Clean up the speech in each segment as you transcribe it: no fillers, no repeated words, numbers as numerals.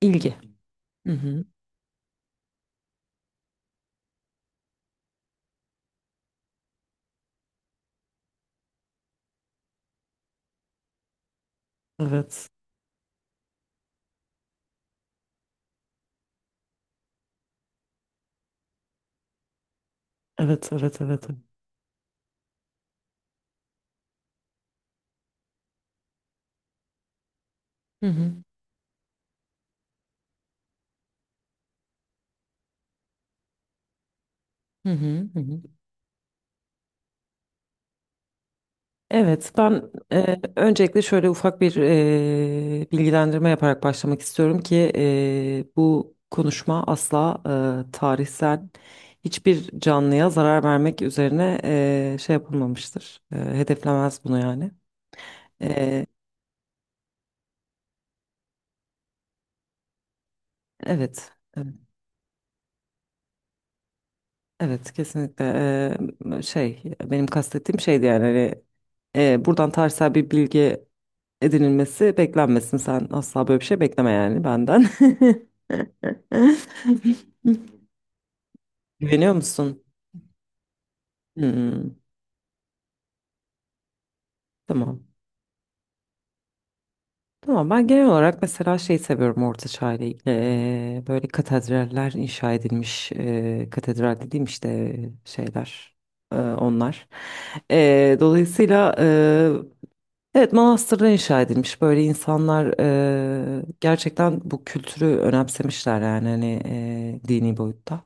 İlgi. Hı hı. Evet. Evet, evet, evet. Hı hı. Hı hı. Hı hı. Evet, ben öncelikle şöyle ufak bir bilgilendirme yaparak başlamak istiyorum ki bu konuşma asla tarihsel hiçbir canlıya zarar vermek üzerine şey yapılmamıştır. Hedeflemez bunu yani. E, evet. Evet. Evet kesinlikle. Şey benim kastettiğim şeydi yani hani, buradan tarihsel bir bilgi edinilmesi beklenmesin, sen asla böyle bir şey bekleme yani benden. Güveniyor musun? Hmm, tamam. Tamam, ben genel olarak mesela şey seviyorum Orta Çağ ile ilgili. Böyle katedraller inşa edilmiş, katedral dediğim işte şeyler, onlar. Dolayısıyla. Evet, manastırda inşa edilmiş. Böyle insanlar gerçekten bu kültürü önemsemişler yani hani dini boyutta.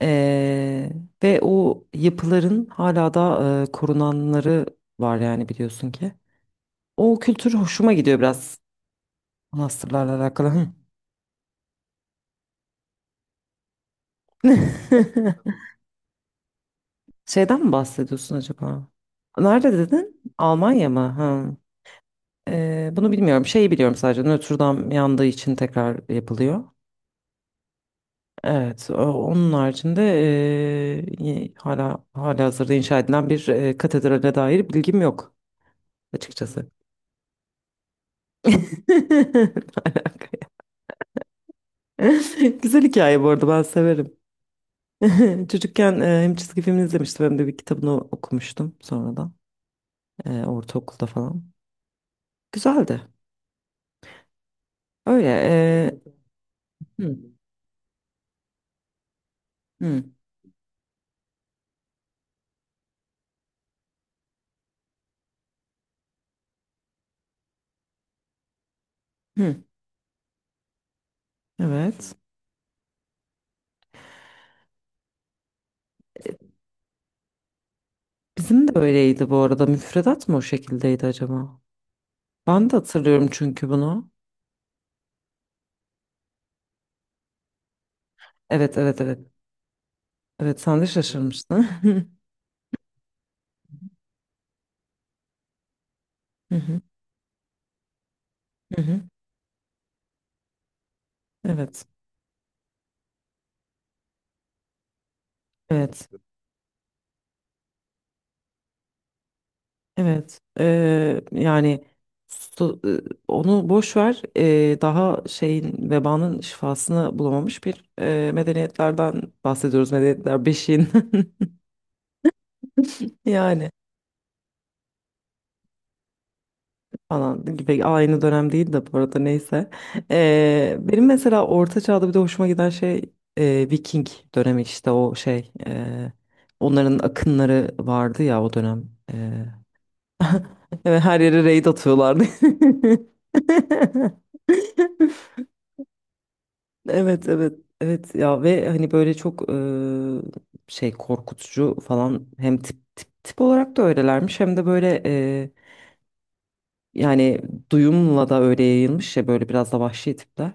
Eee, ve o yapıların hala da korunanları var yani biliyorsun ki. O kültür hoşuma gidiyor biraz manastırlarla alakalı. Hı. Şeyden mi bahsediyorsun acaba? Nerede dedin? Almanya mı? Ha. Bunu bilmiyorum. Şeyi biliyorum sadece, Notre Dame yandığı için tekrar yapılıyor. Evet, onun haricinde hala hazırda inşa edilen bir katedrale dair bilgim yok açıkçası. Ne alaka ya? Güzel hikaye bu arada, ben severim. Çocukken hem çizgi film izlemiştim hem de bir kitabını okumuştum sonradan, ortaokulda falan. Güzeldi. Öyle. Hı, hı, hı. Evet. Bizim de öyleydi bu arada. Müfredat mı o şekildeydi acaba? Ben de hatırlıyorum çünkü bunu. Evet evet evet. Evet, sen de şaşırmıştın. Hı hı, hı hı. Evet, evet, evet. Yani su- e, onu boş ver. Daha şeyin vebanın şifasını bulamamış bir medeniyetlerden bahsediyoruz. Medeniyetler beşiğin yani falan gibi, aynı dönem değil de bu arada, neyse. Benim mesela Orta Çağ'da bir de hoşuma giden şey Viking dönemi, işte o şey. Onların akınları vardı ya o dönem. Evet, her yere raid atıyorlardı. Evet evet evet ya, ve hani böyle çok şey korkutucu falan, hem tip tip tip olarak da öylelermiş hem de böyle yani duyumla da öyle yayılmış ya, böyle biraz da vahşi tipler.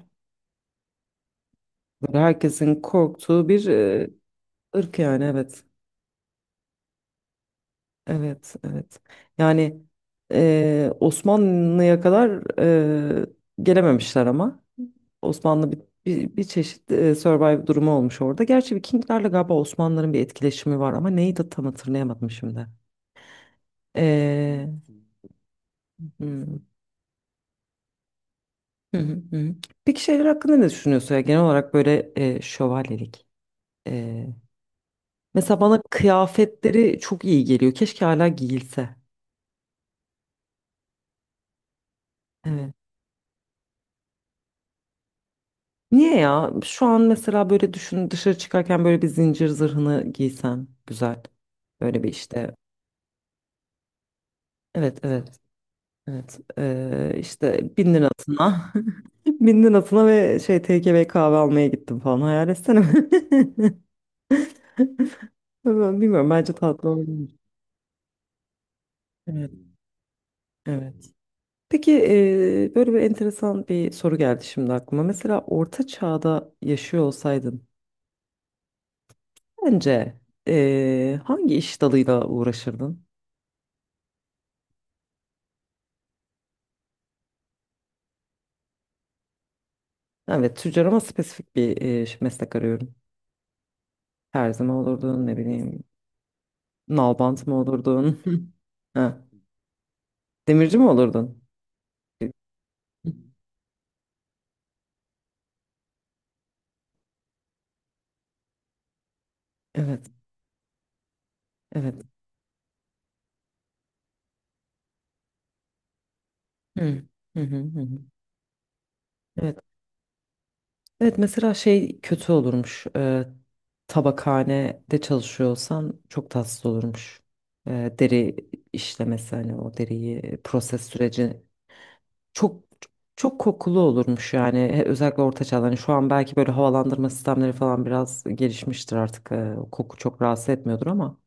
Böyle herkesin korktuğu bir ırk yani, evet. Evet, evet. Yani Osmanlı'ya kadar eee, gelememişler ama Osmanlı bir çeşit survive durumu olmuş orada. Gerçi Vikinglerle galiba Osmanlıların bir etkileşimi var ama neyi de tam hatırlayamadım şimdi. Eee, hmm, hı hı, hı. Peki şeyler hakkında ne düşünüyorsun ya, genel olarak böyle şövalyelik? Eee, mesela bana kıyafetleri çok iyi geliyor. Keşke hala giyilse. Evet. Niye ya? Şu an mesela böyle düşün, dışarı çıkarken böyle bir zincir zırhını giysem güzel. Böyle bir işte, evet evet evet, işte bin atına bin atına ve şey TKV kahve almaya gittim falan, hayal etsene. Ben bilmiyorum, bence tatlı olabilir. Evet evet. Peki böyle bir enteresan bir soru geldi şimdi aklıma. Mesela orta çağda yaşıyor olsaydın bence hangi iş dalıyla uğraşırdın? Evet, tüccar ama spesifik bir meslek arıyorum. Terzi mi olurdun, ne bileyim, nalbant mı olurdun? Ha, demirci mi olurdun? Evet, evet. Hı. Hı hı hı. Hı. Evet. Evet, mesela şey kötü olurmuş. Tabakhanede çalışıyorsan çok tatsız olurmuş. Deri işlemesi, hani o deriyi proses süreci. Çok çok kokulu olurmuş yani, özellikle orta çağda. Hani şu an belki böyle havalandırma sistemleri falan biraz gelişmiştir artık. Koku çok rahatsız etmiyordur ama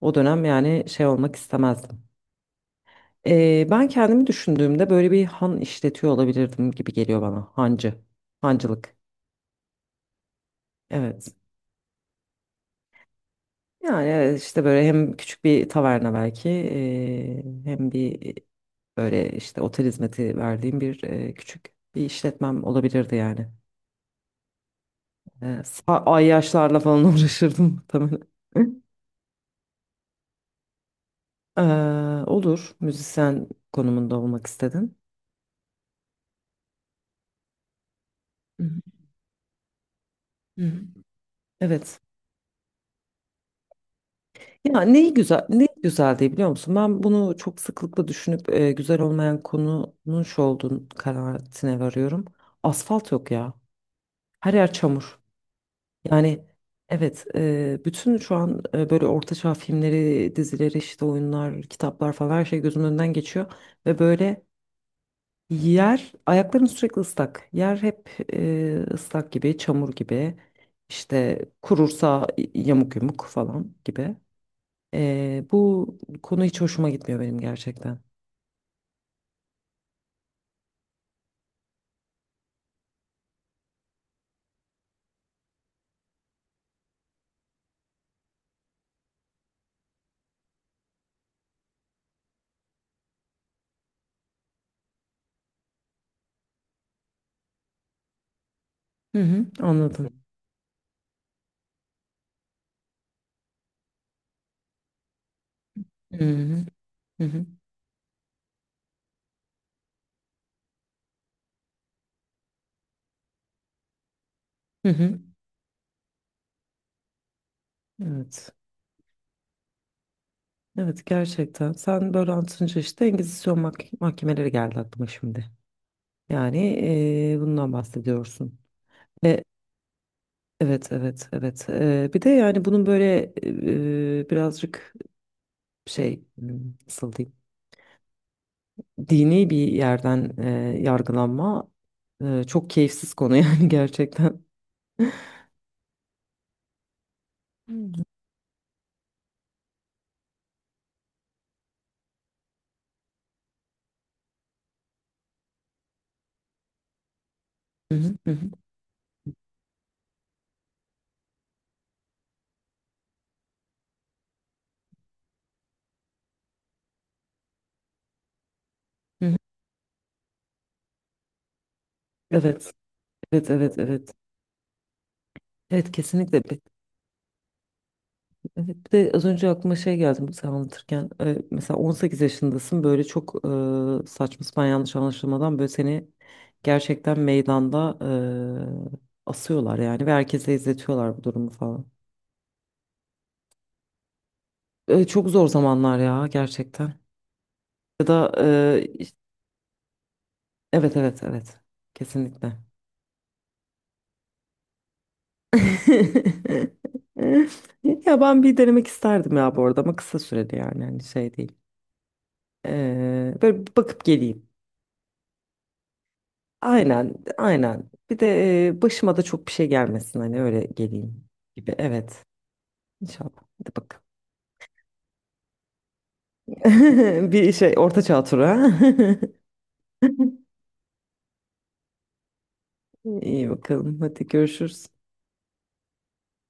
o dönem yani şey olmak istemezdim. Ben kendimi düşündüğümde böyle bir han işletiyor olabilirdim gibi geliyor bana. Hancı. Hancılık. Evet. Yani evet, işte böyle hem küçük bir taverna belki hem bir böyle işte otel hizmeti verdiğim bir küçük bir işletmem olabilirdi yani. Ayyaşlarla falan uğraşırdım muhtemelen. Ee, olur. Müzisyen konumunda olmak istedin. Hı hı. Hı. Evet. Ya neyi güzel, ne güzel diye biliyor musun? Ben bunu çok sıklıkla düşünüp güzel olmayan konunun şu olduğunu kanaatine varıyorum. Asfalt yok ya. Her yer çamur. Yani evet, bütün şu an böyle orta çağ filmleri, dizileri, işte oyunlar, kitaplar falan, her şey gözümün önünden geçiyor. Ve böyle, yer, ayakların sürekli ıslak. Yer hep ıslak gibi, çamur gibi. İşte kurursa yamuk yumuk falan gibi. Bu konu hiç hoşuma gitmiyor benim, gerçekten. Hı hı, anladım. Hı hı, hı hı, hı hı. Evet. Evet, gerçekten. Sen böyle anlatınca işte Engizisyon mahkemeleri geldi aklıma şimdi. Yani bundan bahsediyorsun. E, evet evet evet. Bir de yani bunun böyle birazcık şey, nasıl diyeyim, dini bir yerden yargılanma, çok keyifsiz konu yani gerçekten. Hı hı, hı hı, hı hı. Evet evet evet evet. Evet kesinlikle. Evet, bir de az önce aklıma şey geldi sen anlatırken, mesela 18 yaşındasın böyle çok saçma sapan yanlış anlaşılmadan böyle seni gerçekten meydanda asıyorlar yani ve herkese izletiyorlar bu durumu falan. Çok zor zamanlar ya, gerçekten. Ya da e, iş- evet evet evet, kesinlikle. Ya ben bir denemek isterdim ya bu arada, ama kısa süreli yani, hani şey değil. Böyle bir bakıp geleyim. Aynen, aynen. Bir de başıma da çok bir şey gelmesin, hani öyle geleyim gibi. Evet, inşallah. Hadi bakalım. Bir şey, orta çağ turu. Ha? İyi bakalım. Hadi görüşürüz.